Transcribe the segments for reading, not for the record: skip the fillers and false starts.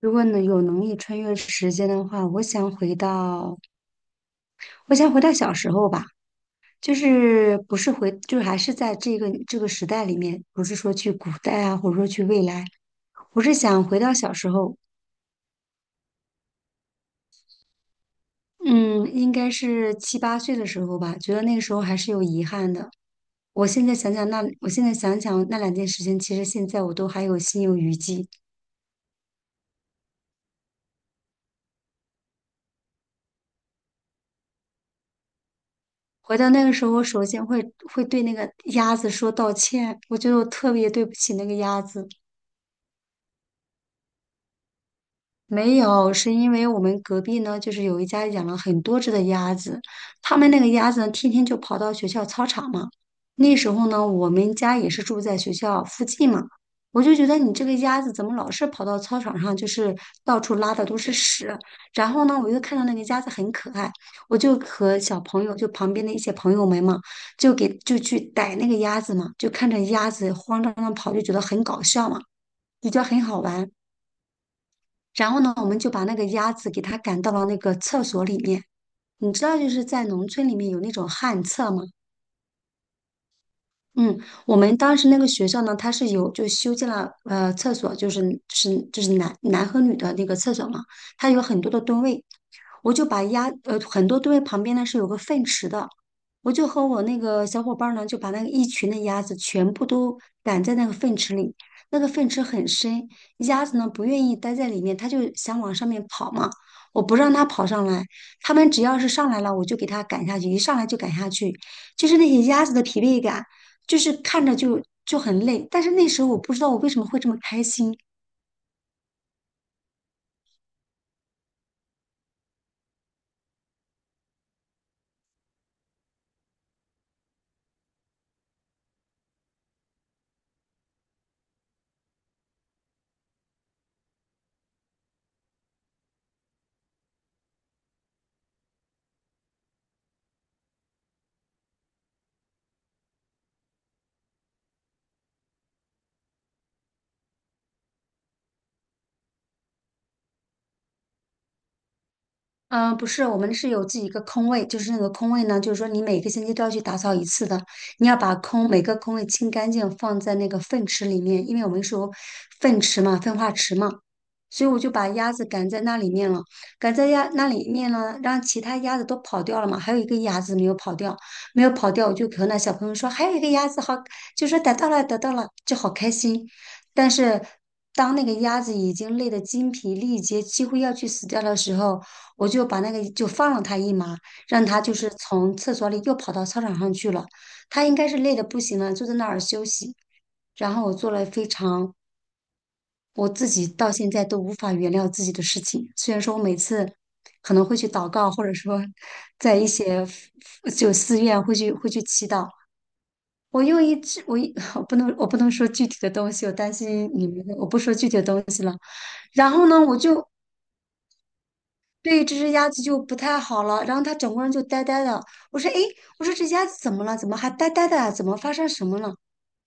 如果能有能力穿越时间的话，我想回到，我想回到小时候吧，就是不是回，就是还是在这个时代里面，不是说去古代啊，或者说去未来，我是想回到小时候，嗯，应该是七八岁的时候吧，觉得那个时候还是有遗憾的。我现在想想那，我现在想想那两件事情，其实现在我都还有心有余悸。回到那个时候，我首先会对那个鸭子说道歉，我觉得我特别对不起那个鸭子。没有，是因为我们隔壁呢，就是有一家养了很多只的鸭子，他们那个鸭子呢，天天就跑到学校操场嘛。那时候呢，我们家也是住在学校附近嘛，我就觉得你这个鸭子怎么老是跑到操场上，就是到处拉的都是屎。然后呢，我又看到那个鸭子很可爱，我就和小朋友，就旁边的一些朋友们嘛，就给就去逮那个鸭子嘛，就看着鸭子慌张张地跑，就觉得很搞笑嘛，比较很好玩。然后呢，我们就把那个鸭子给它赶到了那个厕所里面。你知道，就是在农村里面有那种旱厕吗？嗯，我们当时那个学校呢，它是有就修建了厕所，就是是就是男和女的那个厕所嘛，它有很多的蹲位，我就把鸭很多蹲位旁边呢是有个粪池的，我就和我那个小伙伴儿呢就把那个一群的鸭子全部都赶在那个粪池里，那个粪池很深，鸭子呢不愿意待在里面，它就想往上面跑嘛，我不让它跑上来，它们只要是上来了，我就给它赶下去，一上来就赶下去，就是那些鸭子的疲惫感。就是看着就很累。但是那时候我不知道我为什么会这么开心。嗯、不是，我们是有自己一个空位，就是那个空位呢，就是说你每个星期都要去打扫一次的，你要把空每个空位清干净，放在那个粪池里面，因为我们是有粪池嘛，粪化池嘛。所以我就把鸭子赶在那里面了，赶在鸭那里面呢，让其他鸭子都跑掉了嘛，还有一个鸭子没有跑掉，没有跑掉，我就和那小朋友说，还有一个鸭子好，就说逮到了，逮到了，就好开心。但是当那个鸭子已经累得精疲力竭，几乎要去死掉的时候，我就把那个就放了它一马，让它就是从厕所里又跑到操场上去了。它应该是累得不行了，就在那儿休息。然后我做了非常我自己到现在都无法原谅自己的事情。虽然说我每次可能会去祷告，或者说 在一些就寺院会去祈祷。我用一只我一 我不能说具体的东西，我担心你们的我不说具体的东西。然后呢，我就对这只鸭子就不太好了，然后它整个人就呆呆的。我说，诶，我说这鸭子怎么了？怎么还呆呆的啊怎么发生什么了？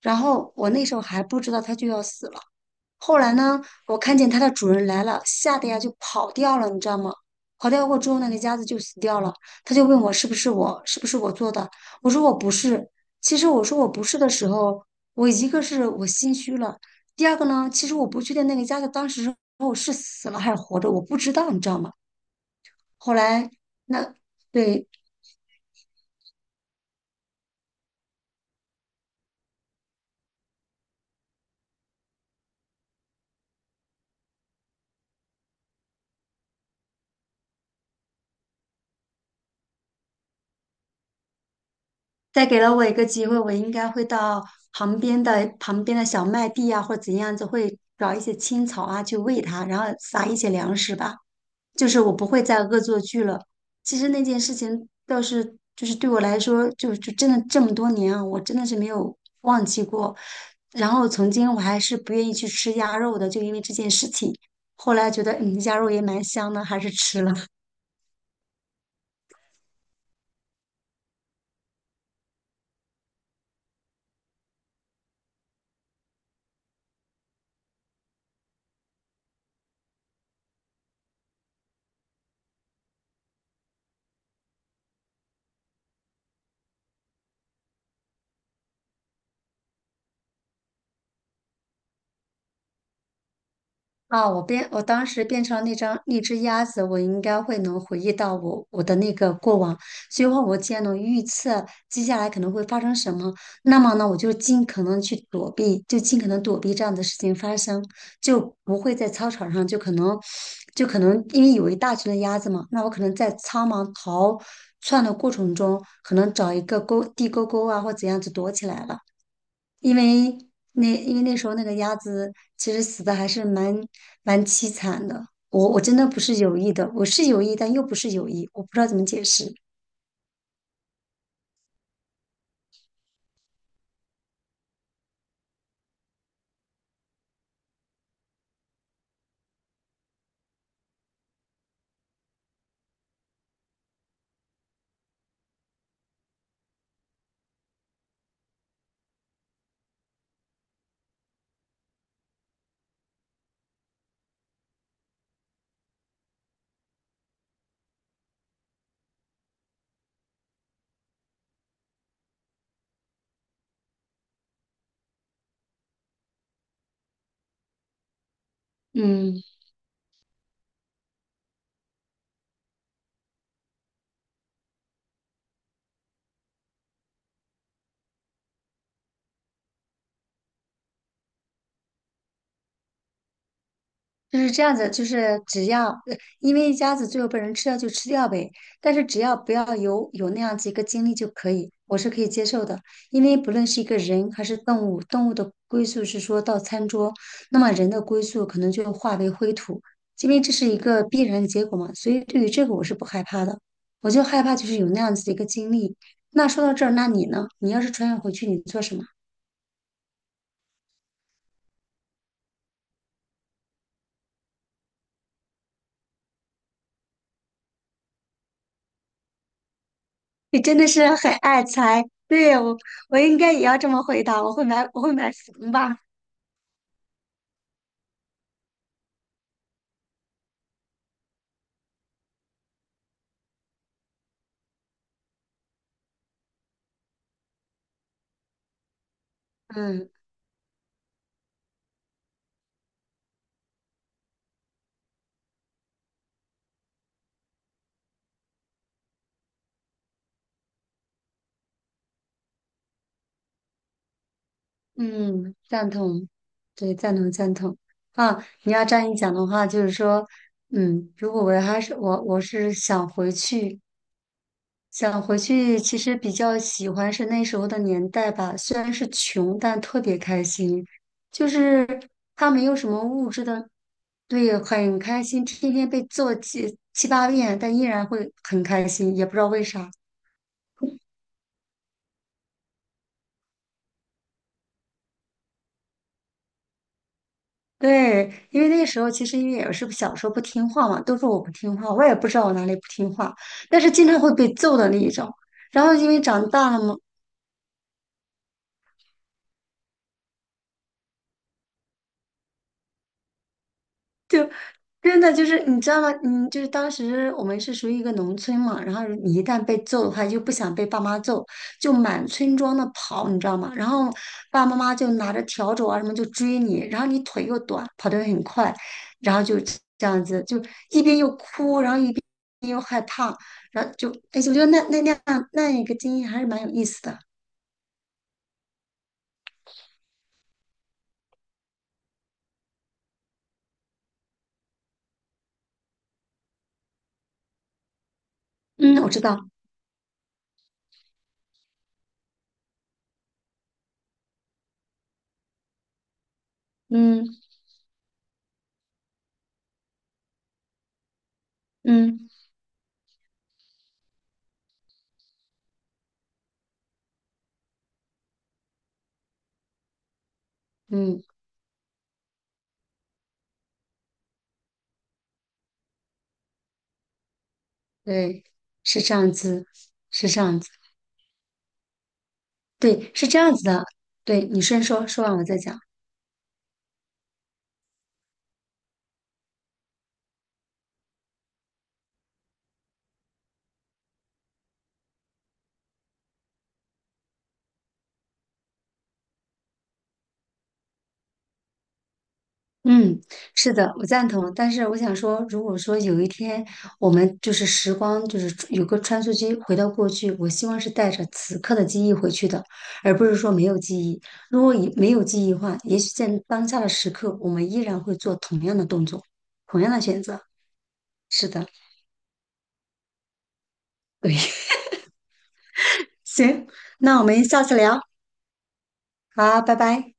然后我那时候还不知道它就要死了。后来呢，我看见它的主人来了，吓得呀就跑掉了，你知道吗？跑掉过之后呢，那个鸭子就死掉了。他就问我是不是我，是不是我做的？我说我不是。其实我说我不是的时候，我一个是我心虚了，第二个呢，其实我不确定那个鸭子当时是死了还是活着，我不知道，你知道吗？后来那对再给了我一个机会，我应该会到旁边的小麦地啊，或者怎样子，会找一些青草啊去喂它，然后撒一些粮食吧。就是我不会再恶作剧了。其实那件事情倒是就是对我来说，就真的这么多年啊，我真的是没有忘记过。然后曾经我还是不愿意去吃鸭肉的，就因为这件事情。后来觉得嗯，鸭肉也蛮香的，还是吃了。啊，我变，我当时变成那张那只鸭子，我应该会能回忆到我的那个过往，所以话我既然能预测接下来可能会发生什么，那么呢，我就尽可能去躲避，就尽可能躲避这样的事情发生，就不会在操场上就可能就可能因为有一大群的鸭子嘛，那我可能在苍茫逃窜的过程中，可能找一个沟地沟沟啊或怎样子躲起来了。因为那因为那时候那个鸭子其实死的还是蛮凄惨的。我真的不是有意的，我是有意，但又不是有意，我不知道怎么解释。嗯。就是这样子，就是只要，呃因为一家子最后被人吃掉就吃掉呗，但是只要不要有那样子一个经历就可以，我是可以接受的。因为不论是一个人还是动物，动物的归宿是说到餐桌，那么人的归宿可能就化为灰土，因为这是一个必然的结果嘛。所以对于这个我是不害怕的，我就害怕就是有那样子的一个经历。那说到这儿，那你呢？你要是穿越回去，你做什么？你真的是很爱财，对我，我应该也要这么回答。我会买，我会买房吧。嗯嗯，赞同，对，赞同赞同。啊，你要这样一讲的话，就是说，嗯，如果我还是我是想回去，想回去，其实比较喜欢是那时候的年代吧。虽然是穷，但特别开心，就是他没有什么物质的，对，很开心。天天被揍七七八遍，但依然会很开心，也不知道为啥。对，因为那个时候其实因为也是小时候不听话嘛，都说我不听话，我也不知道我哪里不听话，但是经常会被揍的那一种。然后因为长大了嘛。就。真的就是你知道吗？嗯，就是当时我们是属于一个农村嘛，然后你一旦被揍的话，就不想被爸妈揍，就满村庄的跑，你知道吗？然后爸爸妈妈就拿着笤帚啊什么就追你，然后你腿又短，跑得很快，然后就这样子，就一边又哭，然后一边又害怕，然后就，哎，我觉得那那样那一个经历还是蛮有意思的。嗯，我知道，嗯嗯嗯，对，是这样子，是这样子。对，是这样子的。对，你先说，说完我再讲。嗯，是的，我赞同。但是我想说，如果说有一天我们就是时光，就是有个穿梭机回到过去，我希望是带着此刻的记忆回去的，而不是说没有记忆。如果以没有记忆的话，也许在当下的时刻，我们依然会做同样的动作，同样的选择。是的，对，行，那我们下次聊，好，拜拜。